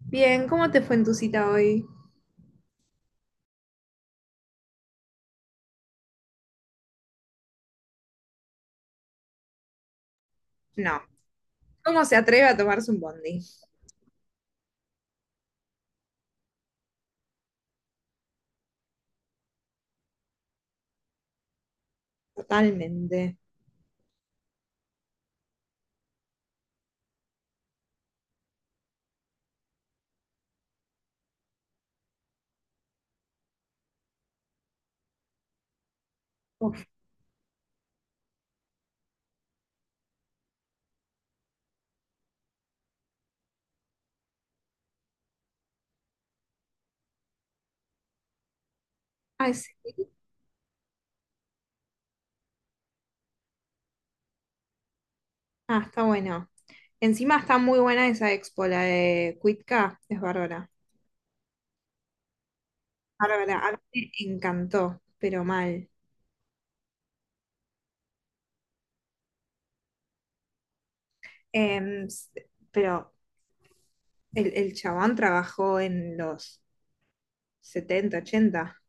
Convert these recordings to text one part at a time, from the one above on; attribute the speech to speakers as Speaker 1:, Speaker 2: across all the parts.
Speaker 1: Bien, ¿cómo te fue en tu cita hoy? No. ¿Cómo se atreve a tomarse un bondi? Totalmente. Uf. Ay, sí. Ah, está bueno. Encima está muy buena esa expo, la de Cuitca, es bárbara. Bárbara, a mí me encantó, pero mal. Em, s- pero el chabón trabajó en los 70, 80.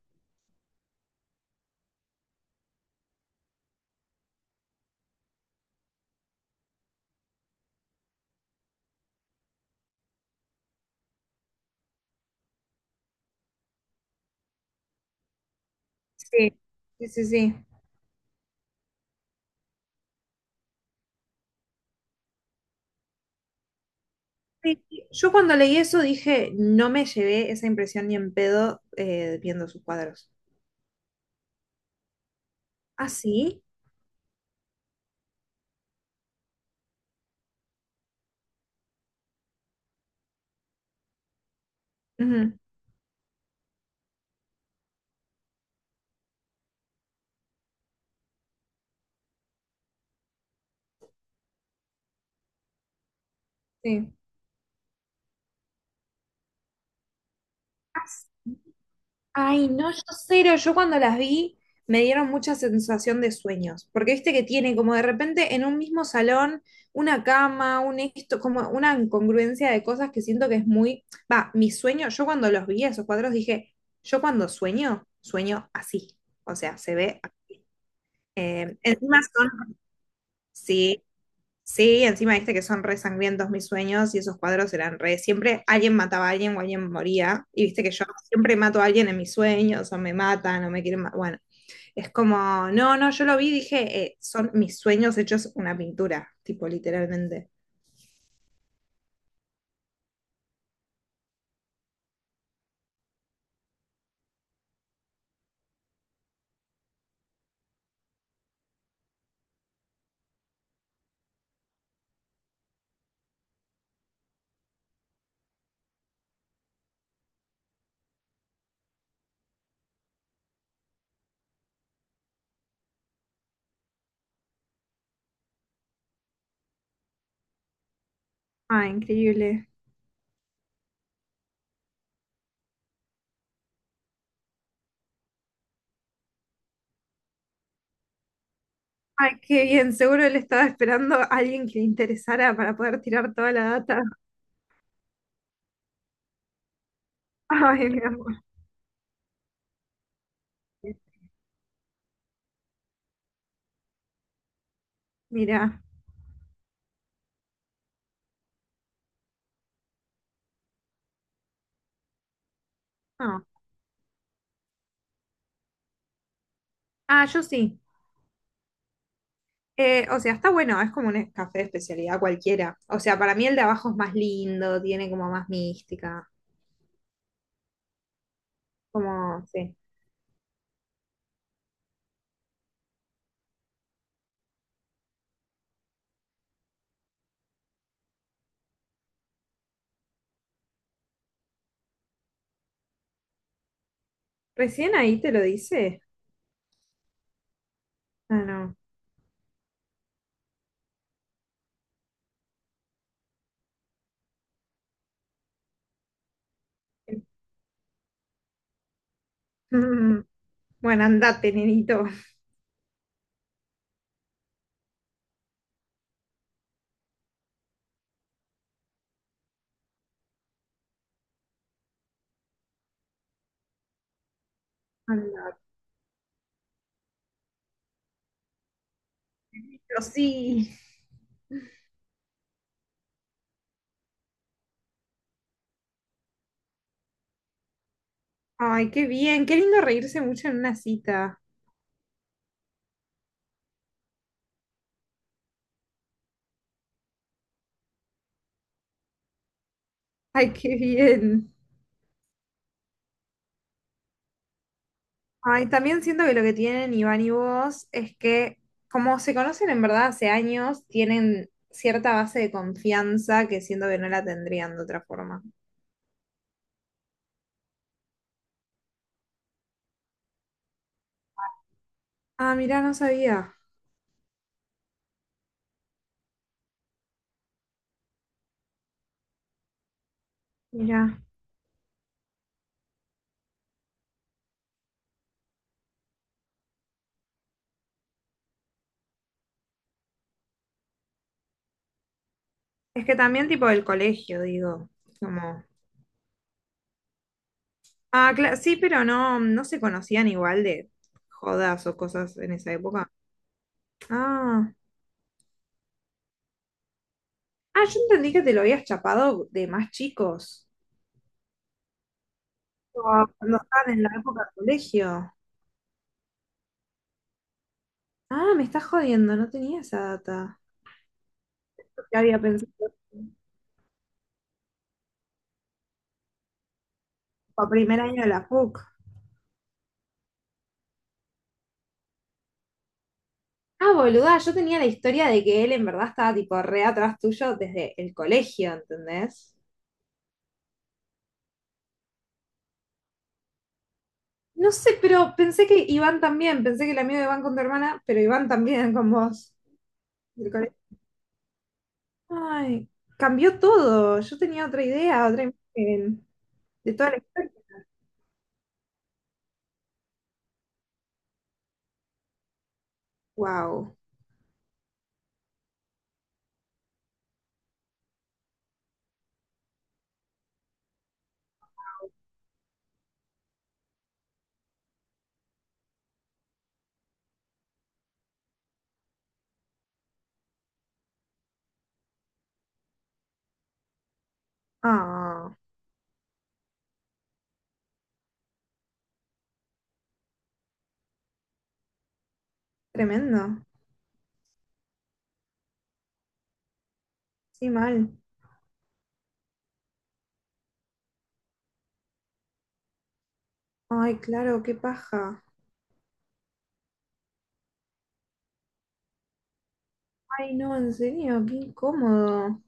Speaker 1: Sí. Sí, sí, sí. Sí, yo cuando leí eso dije, no me llevé esa impresión ni en pedo viendo sus cuadros. ¿Ah, sí? Ujú, sí. As- Ay, no, yo cero. Yo cuando las vi me dieron mucha sensación de sueños, porque viste que tiene como de repente en un mismo salón una cama, un esto, como una incongruencia de cosas que siento que es muy... Va, mi sueño, yo cuando los vi esos cuadros dije, yo cuando sueño, sueño así. O sea, se ve... encima son... Sí. Sí, encima viste que son re sangrientos mis sueños y esos cuadros eran re. Siempre alguien mataba a alguien o alguien moría. Y viste que yo siempre mato a alguien en mis sueños o me matan o me quieren matar. Bueno, es como, no, no, yo lo vi y dije, son mis sueños hechos una pintura, tipo literalmente. Ah, increíble. Ay, qué bien, seguro él estaba esperando a alguien que le interesara para poder tirar toda la data. Ay, mi amor. Mira. Ah, Ah, yo sí. O sea, está bueno, es como un café de especialidad cualquiera. O sea, para mí el de abajo es más lindo, tiene como más mística. Como, sí. Recién ahí te lo dice. Ah, no. Bueno, andate, nenito. Andate. Pero sí. Ay, qué bien. Qué lindo reírse mucho en una cita. Ay, qué bien. Ay, también siento que lo que tienen Iván y vos es que, como se conocen en verdad hace años, tienen cierta base de confianza que siento que no la tendrían de otra forma. Ah, mira, no sabía. Mira. Es que también tipo del colegio, digo. Como. Ah, sí, pero no, no se conocían igual de jodas o cosas en esa época. Ah. Ah, yo entendí que te lo habías chapado de más chicos. O cuando estaban en la época del colegio. Ah, me estás jodiendo, no tenía esa data. Ya había pensado. O primer año de la PUC. Ah, boluda, yo tenía la historia de que él en verdad estaba tipo re atrás tuyo desde el colegio, ¿entendés? No sé, pero pensé que Iván también, pensé que el amigo de Iván con tu hermana, pero Iván también con vos. Del colegio. Ay, cambió todo. Yo tenía otra idea, otra imagen de toda la historia. Wow. Ah, tremendo. Sí, mal. Ay, claro, qué paja. Ay, no, en serio, qué incómodo.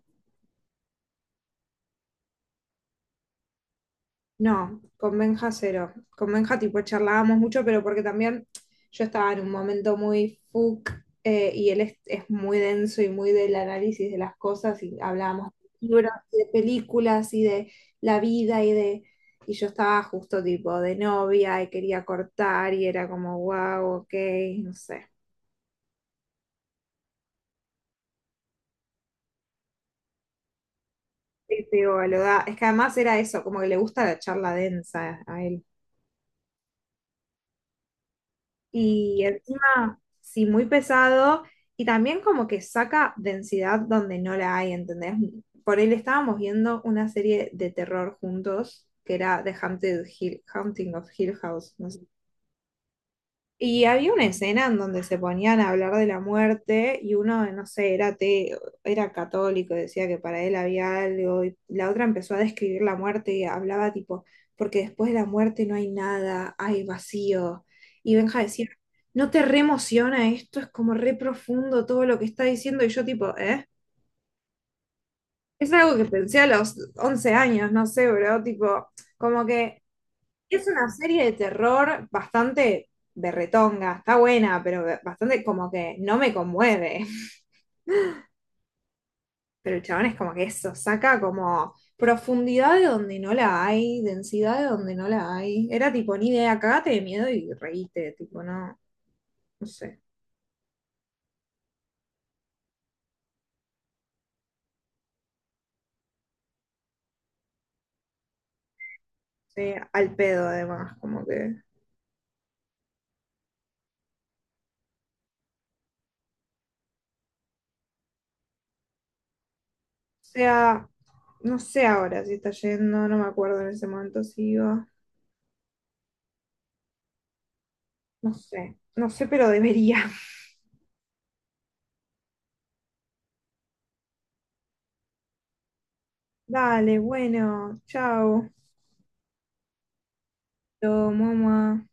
Speaker 1: No, con Benja cero. Con Benja tipo charlábamos mucho, pero porque también yo estaba en un momento muy fuck y él es, muy denso y muy del análisis de las cosas y hablábamos de libros, y de películas y de la vida y de... Y yo estaba justo tipo de novia y quería cortar y era como, wow, ok, no sé. Este, boluda. Es que además era eso, como que le gusta la charla densa a él. Y encima, sí, muy pesado. Y también como que saca densidad donde no la hay, ¿entendés? Por él estábamos viendo una serie de terror juntos, que era The Haunted Hill, Haunting of Hill House. No sé, y había una escena en donde se ponían a hablar de la muerte y uno, no sé, era ateo, era católico, decía que para él había algo, y la otra empezó a describir la muerte y hablaba tipo, porque después de la muerte no hay nada, hay vacío. Y Benja decía, ¿no te re emociona esto? Es como re profundo todo lo que está diciendo y yo tipo, ¿eh? Es algo que pensé a los 11 años, no sé, bro, tipo, como que es una serie de terror bastante berretonga, está buena, pero bastante como que no me conmueve. Pero el chabón es como que eso, saca como profundidad de donde no la hay, densidad de donde no la hay. Era tipo, ni idea, cagate de miedo y reíste, tipo, no, no sé. Sí, al pedo además, como que. O sea, no sé ahora si está yendo, no me acuerdo en ese momento si iba. No sé, no sé, pero debería. Dale, bueno, chao. Yo, mamá.